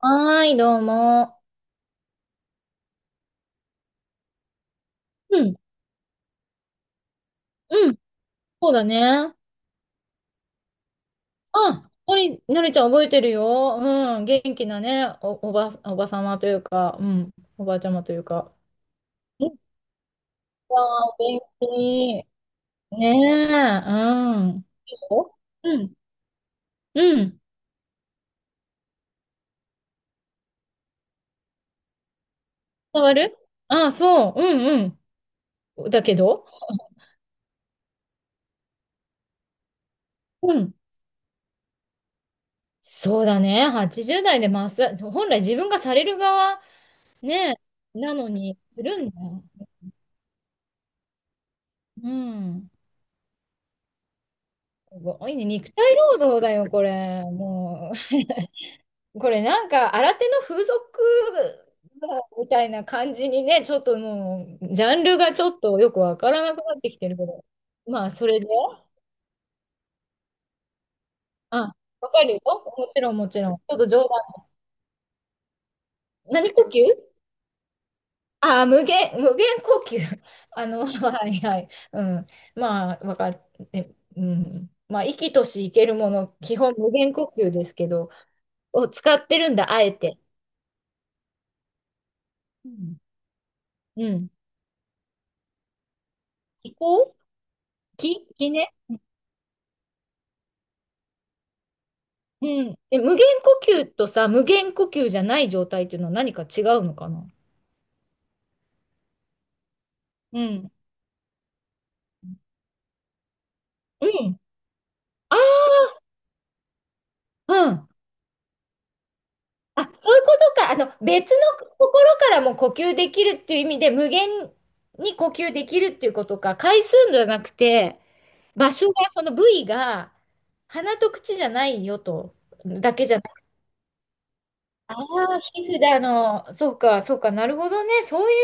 はーい、どうも。うん、うん、そうだね。あ、のりちゃん覚えてるよ。うん、元気なね、おばさまというか、うん、おばあちゃまというか。うんわあ、元気。ねえ、うん。いいようん、うん。伝わるあ、そう、うん、うん。だけど、うん。そうだね、80代でマッサージ、本来自分がされる側、ねえ、なのに、するんだよ。うん。すごいね。肉体労働だよ、これ。もう。これなんか、新手の風俗みたいな感じにね、ちょっともう、ジャンルがちょっとよくわからなくなってきてるけど。まあ、それで、あ、わかるよ。もちろん、もちろん。ちょっと冗談。何呼吸あ、無限呼吸。あの、はいはい。うん。まあ、わかる。えうん。まあ、生きとし生けるもの、基本無限呼吸ですけど、を使ってるんだ、あえて。うんうん。気候気ね。うん。え、無限呼吸とさ、無限呼吸じゃない状態っていうのは何か違うのかなうん。うん。ああ、うん。あ、そういうことか。あの、別の心からも呼吸できるっていう意味で、無限に呼吸できるっていうことか。回数じゃなくて、場所が、その部位が、鼻と口じゃないよと、だけじゃなああ、皮膚で、あの、そうか、そうか、なるほどね。そういう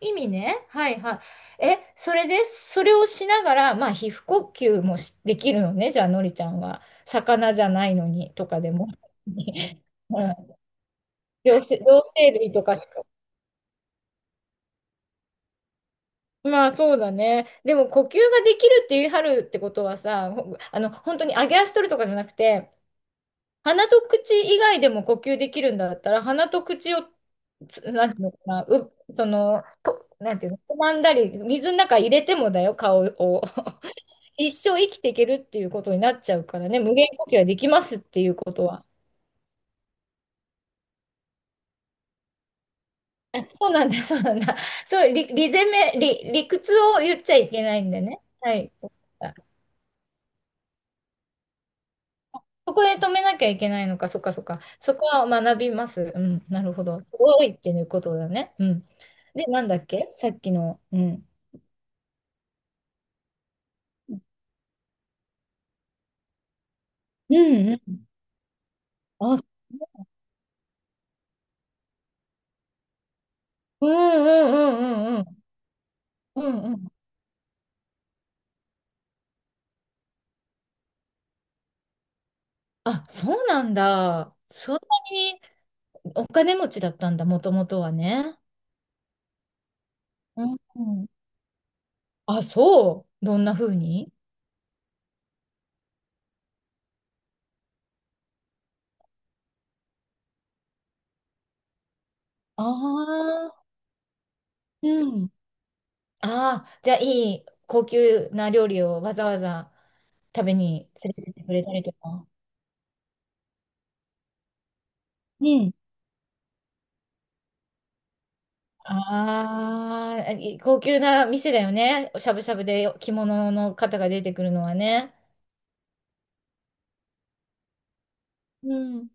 意味ね。はいはい。え、それで、それをしながら、まあ、皮膚呼吸もしできるのね。じゃあ、のりちゃんは。魚じゃないのに、とかでも。うん両生類とかしか。まあ、そうだね。でも、呼吸ができるって言い張るってことはさ、ほあの、本当に揚げ足取るとかじゃなくて、鼻と口以外でも呼吸できるんだったら、鼻と口をつ、なんていうのかな、う、その、と、なんていうの、つまんだり、水の中入れてもだよ、顔を。一生生きていけるっていうことになっちゃうからね、無限呼吸はできますっていうことは。そうなんだ、そうなんだ。そう、理、理攻め、理、理屈を言っちゃいけないんでね。はい。そこで止めなきゃいけないのか、そっかそっか。そこは学びます。うん、なるほど。すごいっていうことだね。うん。で、なんだっけさっきの、うん。うんうん。あ、うんうんうんうんうんうんうん。あ、そうなんだ。そんなにお金持ちだったんだ、もともとはね。うんうん。あ、そう。どんな風にああー、うん。ああ、じゃあいい高級な料理をわざわざ食べに連れてってくれたりとか。うん。ああ、い高級な店だよね。しゃぶしゃぶで着物の方が出てくるのはね。うん。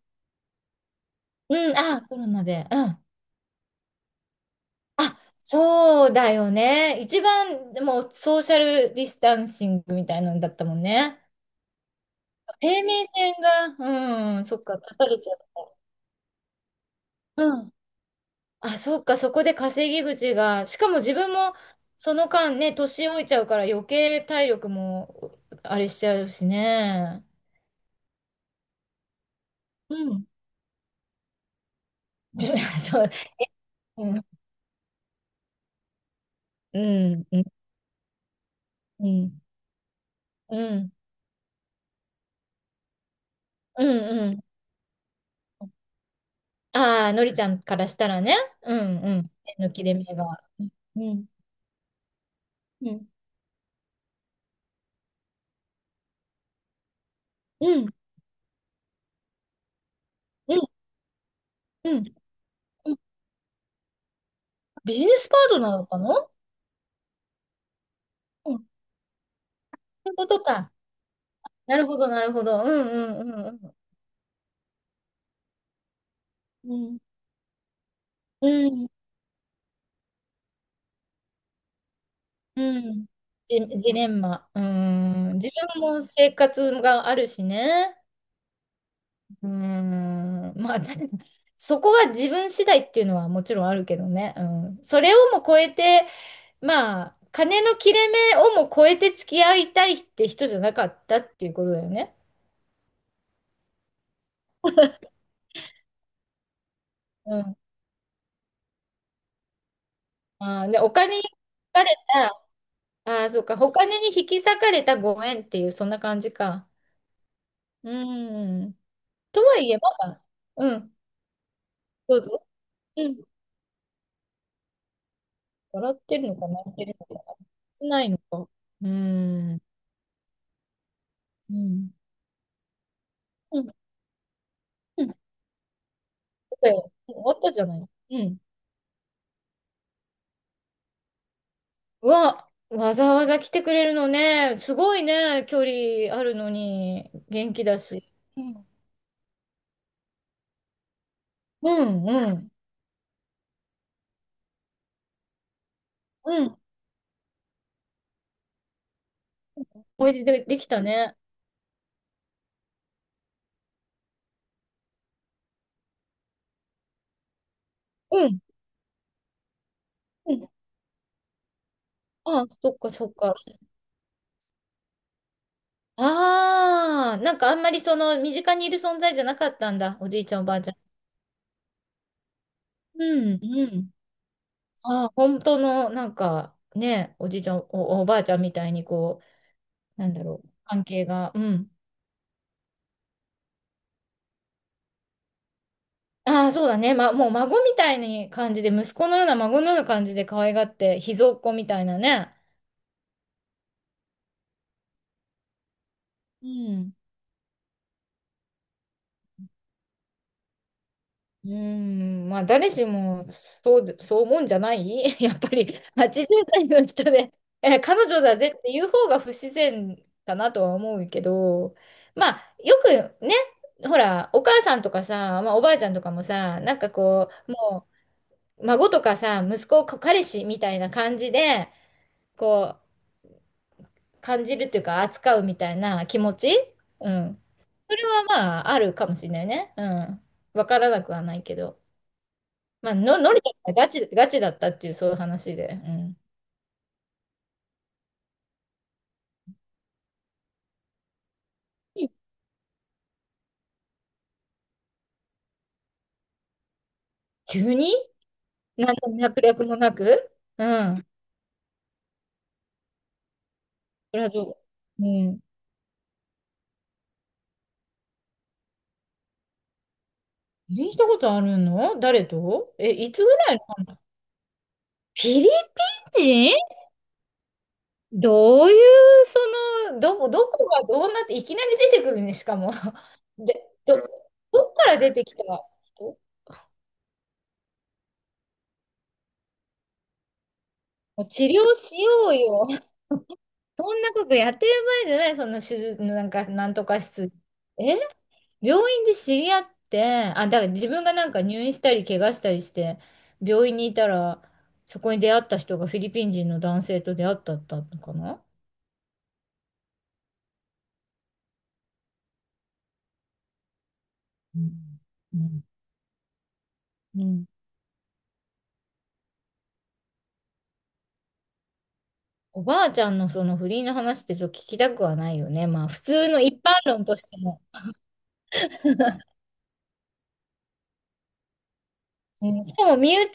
うん、ああ、コロナで。うん。あ、そうだよね。一番、でもソーシャルディスタンシングみたいなのだったもんね。生命線が、うん、そっか、立たれちゃった。うん。あ、そっか、そこで稼ぎ口が、しかも自分もその間ね、年老いちゃうから余計体力もあれしちゃうしね。うん。そう。うん。うん。うん。うん。うん。うん。ああのりちゃんからしたらね。うん。うん。目の切れ目が。うん。うんうん、うん、うん。うんビジネスパートナーだったのうん。そういうことか。なるほど、なるほど。うん、うん、うん、うん。うん、うん。ジレンマ。うん。自分も生活があるしね。うん。まあ、だそこは自分次第っていうのはもちろんあるけどね。うん。それをも超えて、まあ、金の切れ目をも超えて付き合いたいって人じゃなかったっていうことだよね。うん。あー、で、お金に取られああ、そうか。お金に引き裂かれたご縁っていう、そんな感じか。うん。とはいえ、まだ、うん、どうぞ。うん。笑ってるのか、泣いてるのか、切ないのか。うん。うん。うん。うん。終わったじゃない。うん。うわ、わざわざ来てくれるのね。すごいね。距離あるのに、元気だし。うん。うん、うん。うん。おいでで、できたね。うん。うん。ああ、そっか、そっか。ああ、なんかあんまりその身近にいる存在じゃなかったんだ、おじいちゃんおばあちゃん。うん、うん。ああ、本当のなんかね、おじいちゃんお、おばあちゃんみたいにこう、なんだろう、関係が。うん。ああ、そうだね、ま、もう孫みたいに感じで、息子のような孫のような感じで可愛がって、秘蔵っ子みたいなね。うん。うーん、まあ誰しもそうで、そう思うんじゃない やっぱり80代の人で、え、彼女だぜっていう方が不自然かなとは思うけど、まあよくね、ほら、お母さんとかさ、まあ、おばあちゃんとかもさ、なんかこう、もう孫とかさ、息子、こ彼氏みたいな感じで、こう、感じるっていうか扱うみたいな気持ちうん。それはまああるかもしれないね。うん。わからなくはないけど。まあ、の、のりちゃんがガチだったっていう、そういう話で。うん。急に何の脈略もなくうん。それはどううん。不倫したことあるの誰とえ、いつぐらいの話フィリピン人どういう、その、どこがどうなって、いきなり出てくるね、しかも。で、ど、どっから出てきた人もう治療しようよ。そんなことやってる場合じゃない、その手術のなんか、なんとか室。え病院で知り合って、あ、だから自分がなんか入院したり、怪我したりして、病院にいたら、そこに出会った人がフィリピン人の男性と出会ったったのかなうんうんうん。おばあちゃんのその不倫の話ってちょっと聞きたくはないよね。まあ普通の一般論としても。うん、しかも身内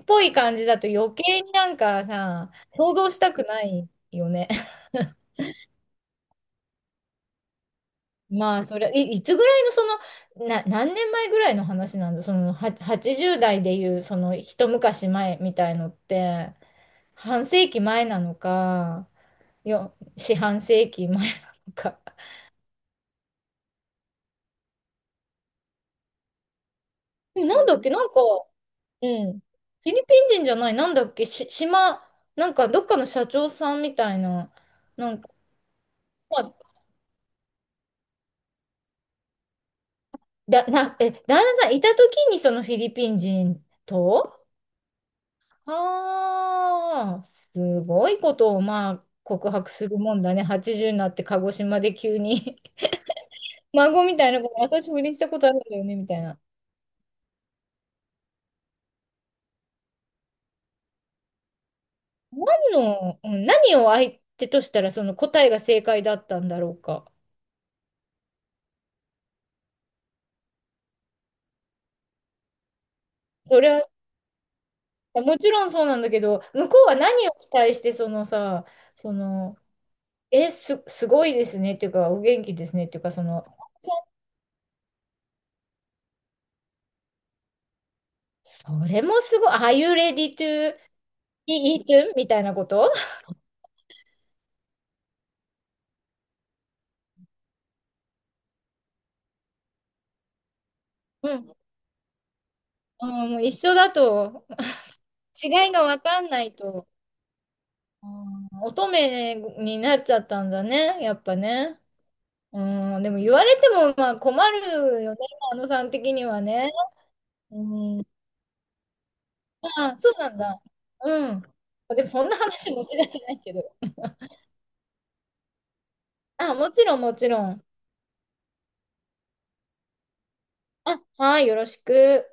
っぽい感じだと余計になんかさ、想像したくないよね。まあ、それ、いつぐらいの、その、な、何年前ぐらいの話なんだ、その、は、80代でいう、その、一昔前みたいのって、半世紀前なのか、よ、四半世紀前なのか。でもなんだっけ、なんか、うん、フィリピン人じゃない、なんだっけ、し、島、なんか、どっかの社長さんみたいな、なんか、まあだ、な、え、旦那さんいた時に、そのフィリピン人と、ああ、すごいことをまあ告白するもんだね。80になって鹿児島で急に 孫みたいなこと、私不倫したことあるんだよね、みたいな。何の、うん何を相手としたらその答えが正解だったんだろうか。それは、もちろんそうなんだけど、向こうは何を期待して、そのさ、その、え、すごいですねっていうか、お元気ですねっていうか、その、それもすごい、Are you ready to eat？ みたいなこと うんうん、もう一緒だと、違いがわかんないと、うん、乙女になっちゃったんだね、やっぱね。うん、でも言われてもまあ困るよね、あのさん的にはね。うん、まあ、そうなんだ。うん。でもそんな話持ち出せないけど。あ、もちろん、もちろん。あ、はい、よろしく。